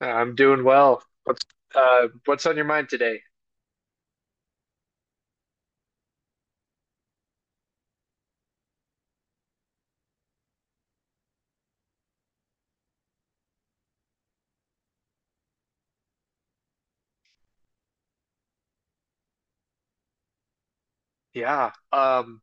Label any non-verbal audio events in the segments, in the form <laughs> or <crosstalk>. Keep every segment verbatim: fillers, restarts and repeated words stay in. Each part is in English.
I'm doing well. What's uh what's on your mind today? Yeah. Um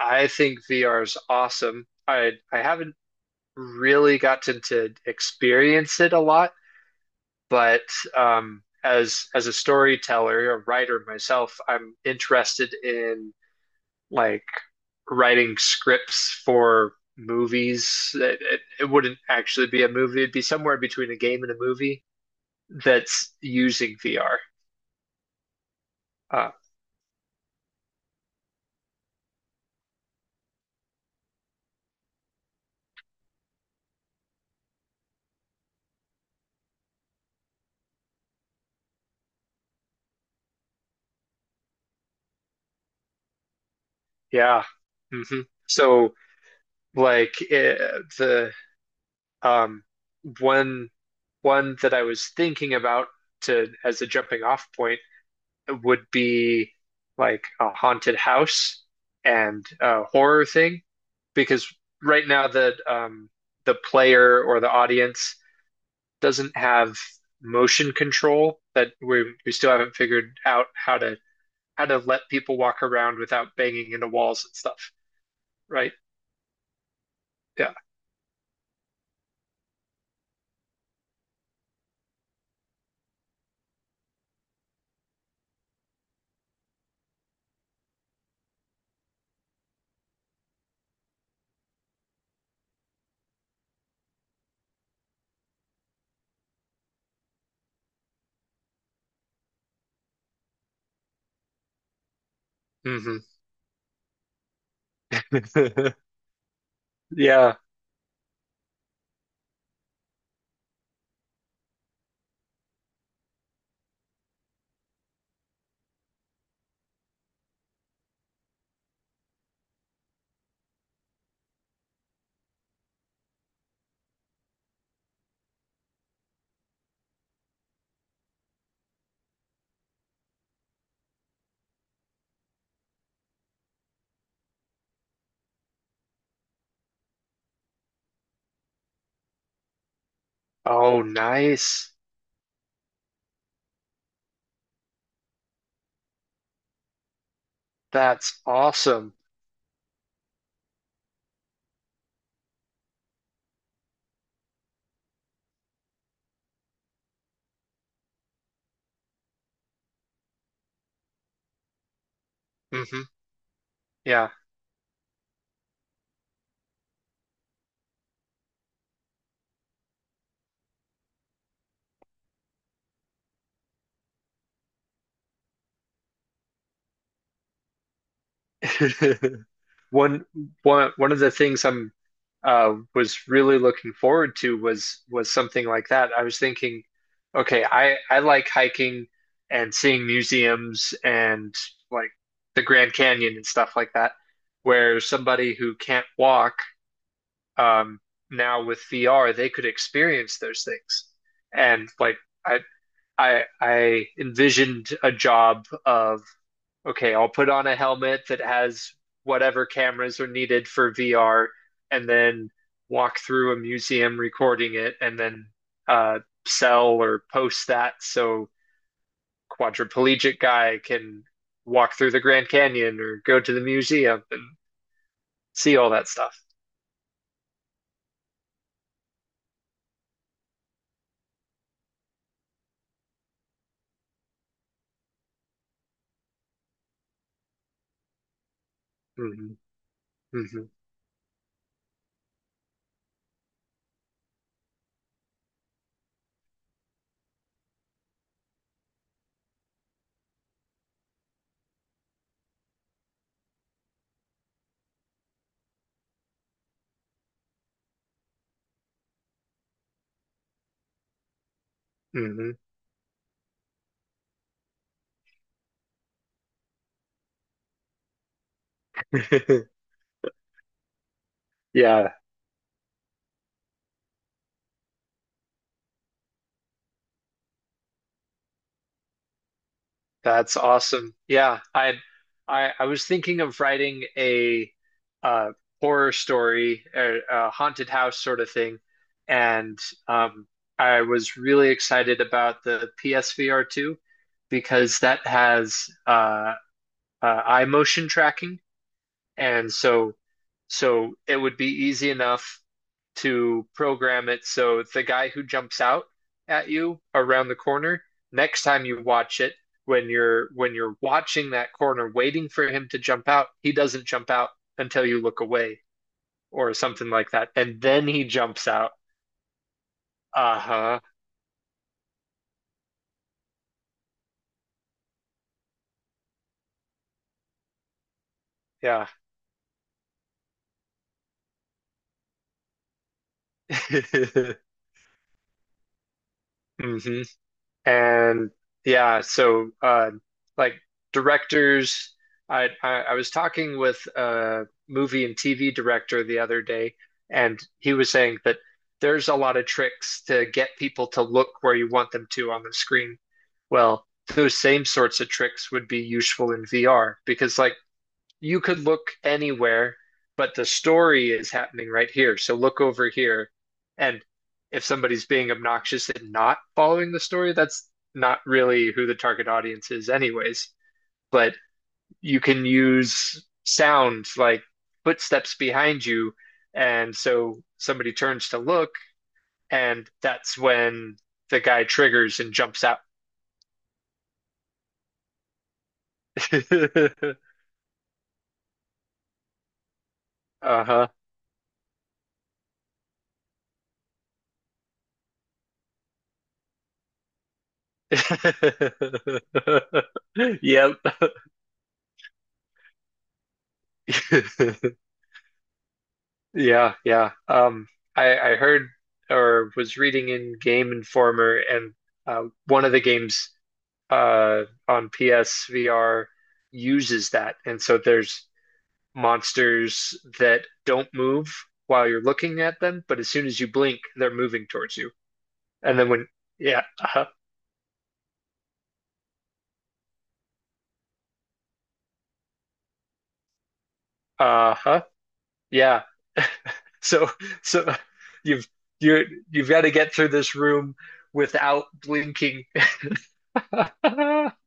I think V R is awesome. I I haven't really gotten to experience it a lot, but um as as a storyteller, a writer myself, I'm interested in like writing scripts for movies. It, it, it wouldn't actually be a movie. It'd be somewhere between a game and a movie that's using V R. Uh yeah. hmm so Like it, the um one one that I was thinking about to as a jumping off point would be like a haunted house and a horror thing because right now the um the player or the audience doesn't have motion control that we we still haven't figured out how to how to let people walk around without banging into walls and stuff, right? Yeah. Hmm. <laughs> Yeah. Oh, nice. That's awesome. Hmm. Yeah. <laughs> One one one of the things I'm uh was really looking forward to was was something like that. I was thinking, okay, I I like hiking and seeing museums and like the Grand Canyon and stuff like that, where somebody who can't walk, um now with V R, they could experience those things. And like I I I envisioned a job of okay, I'll put on a helmet that has whatever cameras are needed for V R, and then walk through a museum recording it, and then uh, sell or post that so quadriplegic guy can walk through the Grand Canyon or go to the museum and see all that stuff. Hmm. Hmm. Hmm. <laughs> Yeah. That's awesome. Yeah, I I I was thinking of writing a uh horror story, a, a haunted house sort of thing, and um I was really excited about the P S V R two because that has uh, uh eye motion tracking and so so it would be easy enough to program it so the guy who jumps out at you around the corner, next time you watch it, when you're when you're watching that corner waiting for him to jump out, he doesn't jump out until you look away or something like that. And then he jumps out. Uh-huh. Yeah. <laughs> Hmm. And yeah, so uh, like directors, I, I I was talking with a movie and T V director the other day, and he was saying that there's a lot of tricks to get people to look where you want them to on the screen. Well, those same sorts of tricks would be useful in V R because like you could look anywhere, but the story is happening right here. So look over here. And if somebody's being obnoxious and not following the story, that's not really who the target audience is, anyways. But you can use sound like footsteps behind you. And so somebody turns to look, and that's when the guy triggers and jumps out. <laughs> Uh-huh. <laughs> Yep. <laughs> Yeah, yeah. Um, I I heard or was reading in Game Informer, and uh, one of the games uh, on P S V R uses that, and so there's monsters that don't move while you're looking at them, but as soon as you blink, they're moving towards you. And then when Yeah, uh-huh, uh-huh, yeah. So <laughs> so you've you're you've got to get through this room without blinking. <laughs>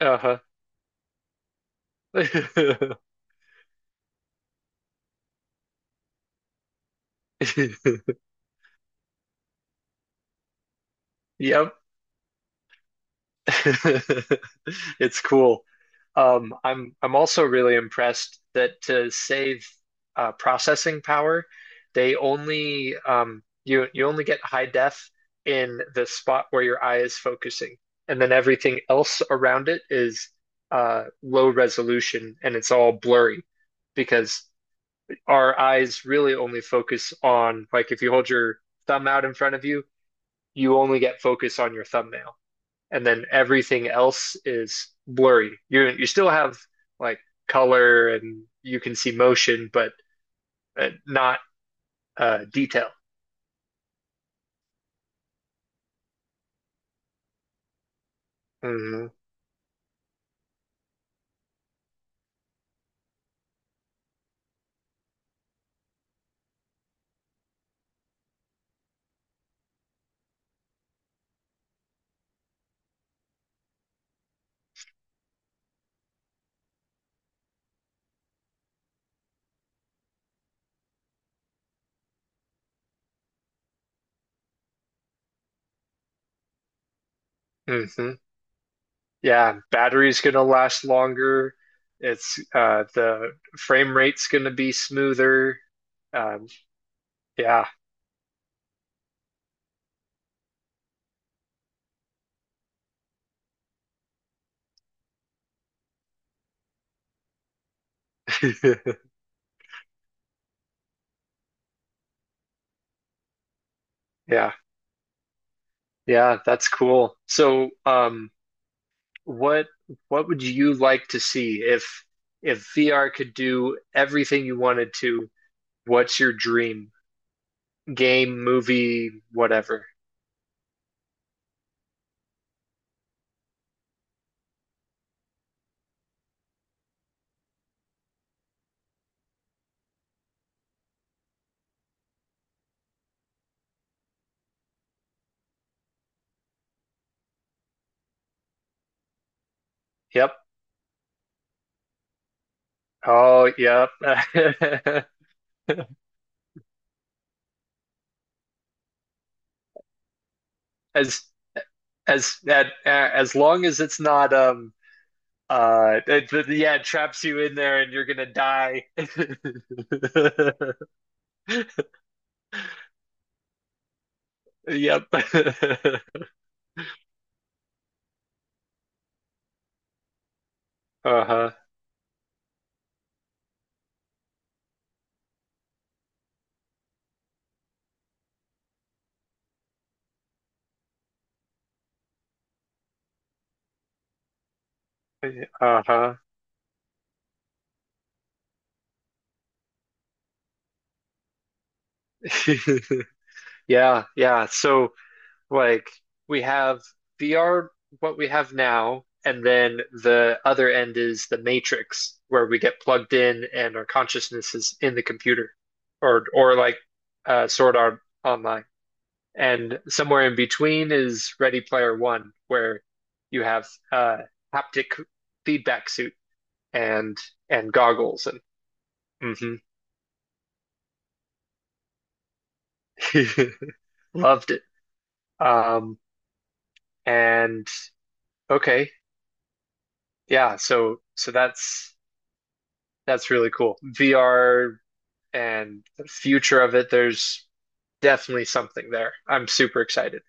Uh-huh. <laughs> <laughs> Yep. <laughs> It's cool. Um, I'm I'm also really impressed that to save uh, processing power, they only um, you you only get high def in the spot where your eye is focusing, and then everything else around it is uh, low resolution and it's all blurry because our eyes really only focus on like if you hold your thumb out in front of you, you only get focus on your thumbnail. And then everything else is blurry. You you still have like color and you can see motion, but uh, not uh, detail. Hmm. Hmm. Yeah, battery's gonna last longer. It's uh, the frame rate's gonna be smoother. Um, yeah, <laughs> yeah, yeah. That's cool. So, um, what what would you like to see if if V R could do everything you wanted to? What's your dream game, movie, whatever? Yep. Oh, yep. <laughs> As as that as long as it's not um uh it, yeah, it traps you in there and you're gonna die. <laughs> Yep. <laughs> Uh-huh. Uh-huh. <laughs> Yeah, yeah. So like we have V R, what we have now, and then the other end is the Matrix, where we get plugged in and our consciousness is in the computer, or or like uh, Sword Art Online. And somewhere in between is Ready Player One, where you have uh, haptic feedback suit and and goggles and Mhm. <laughs> Loved it. Um, and okay, yeah. So so that's That's really cool. V R and the future of it, there's definitely something there. I'm super excited.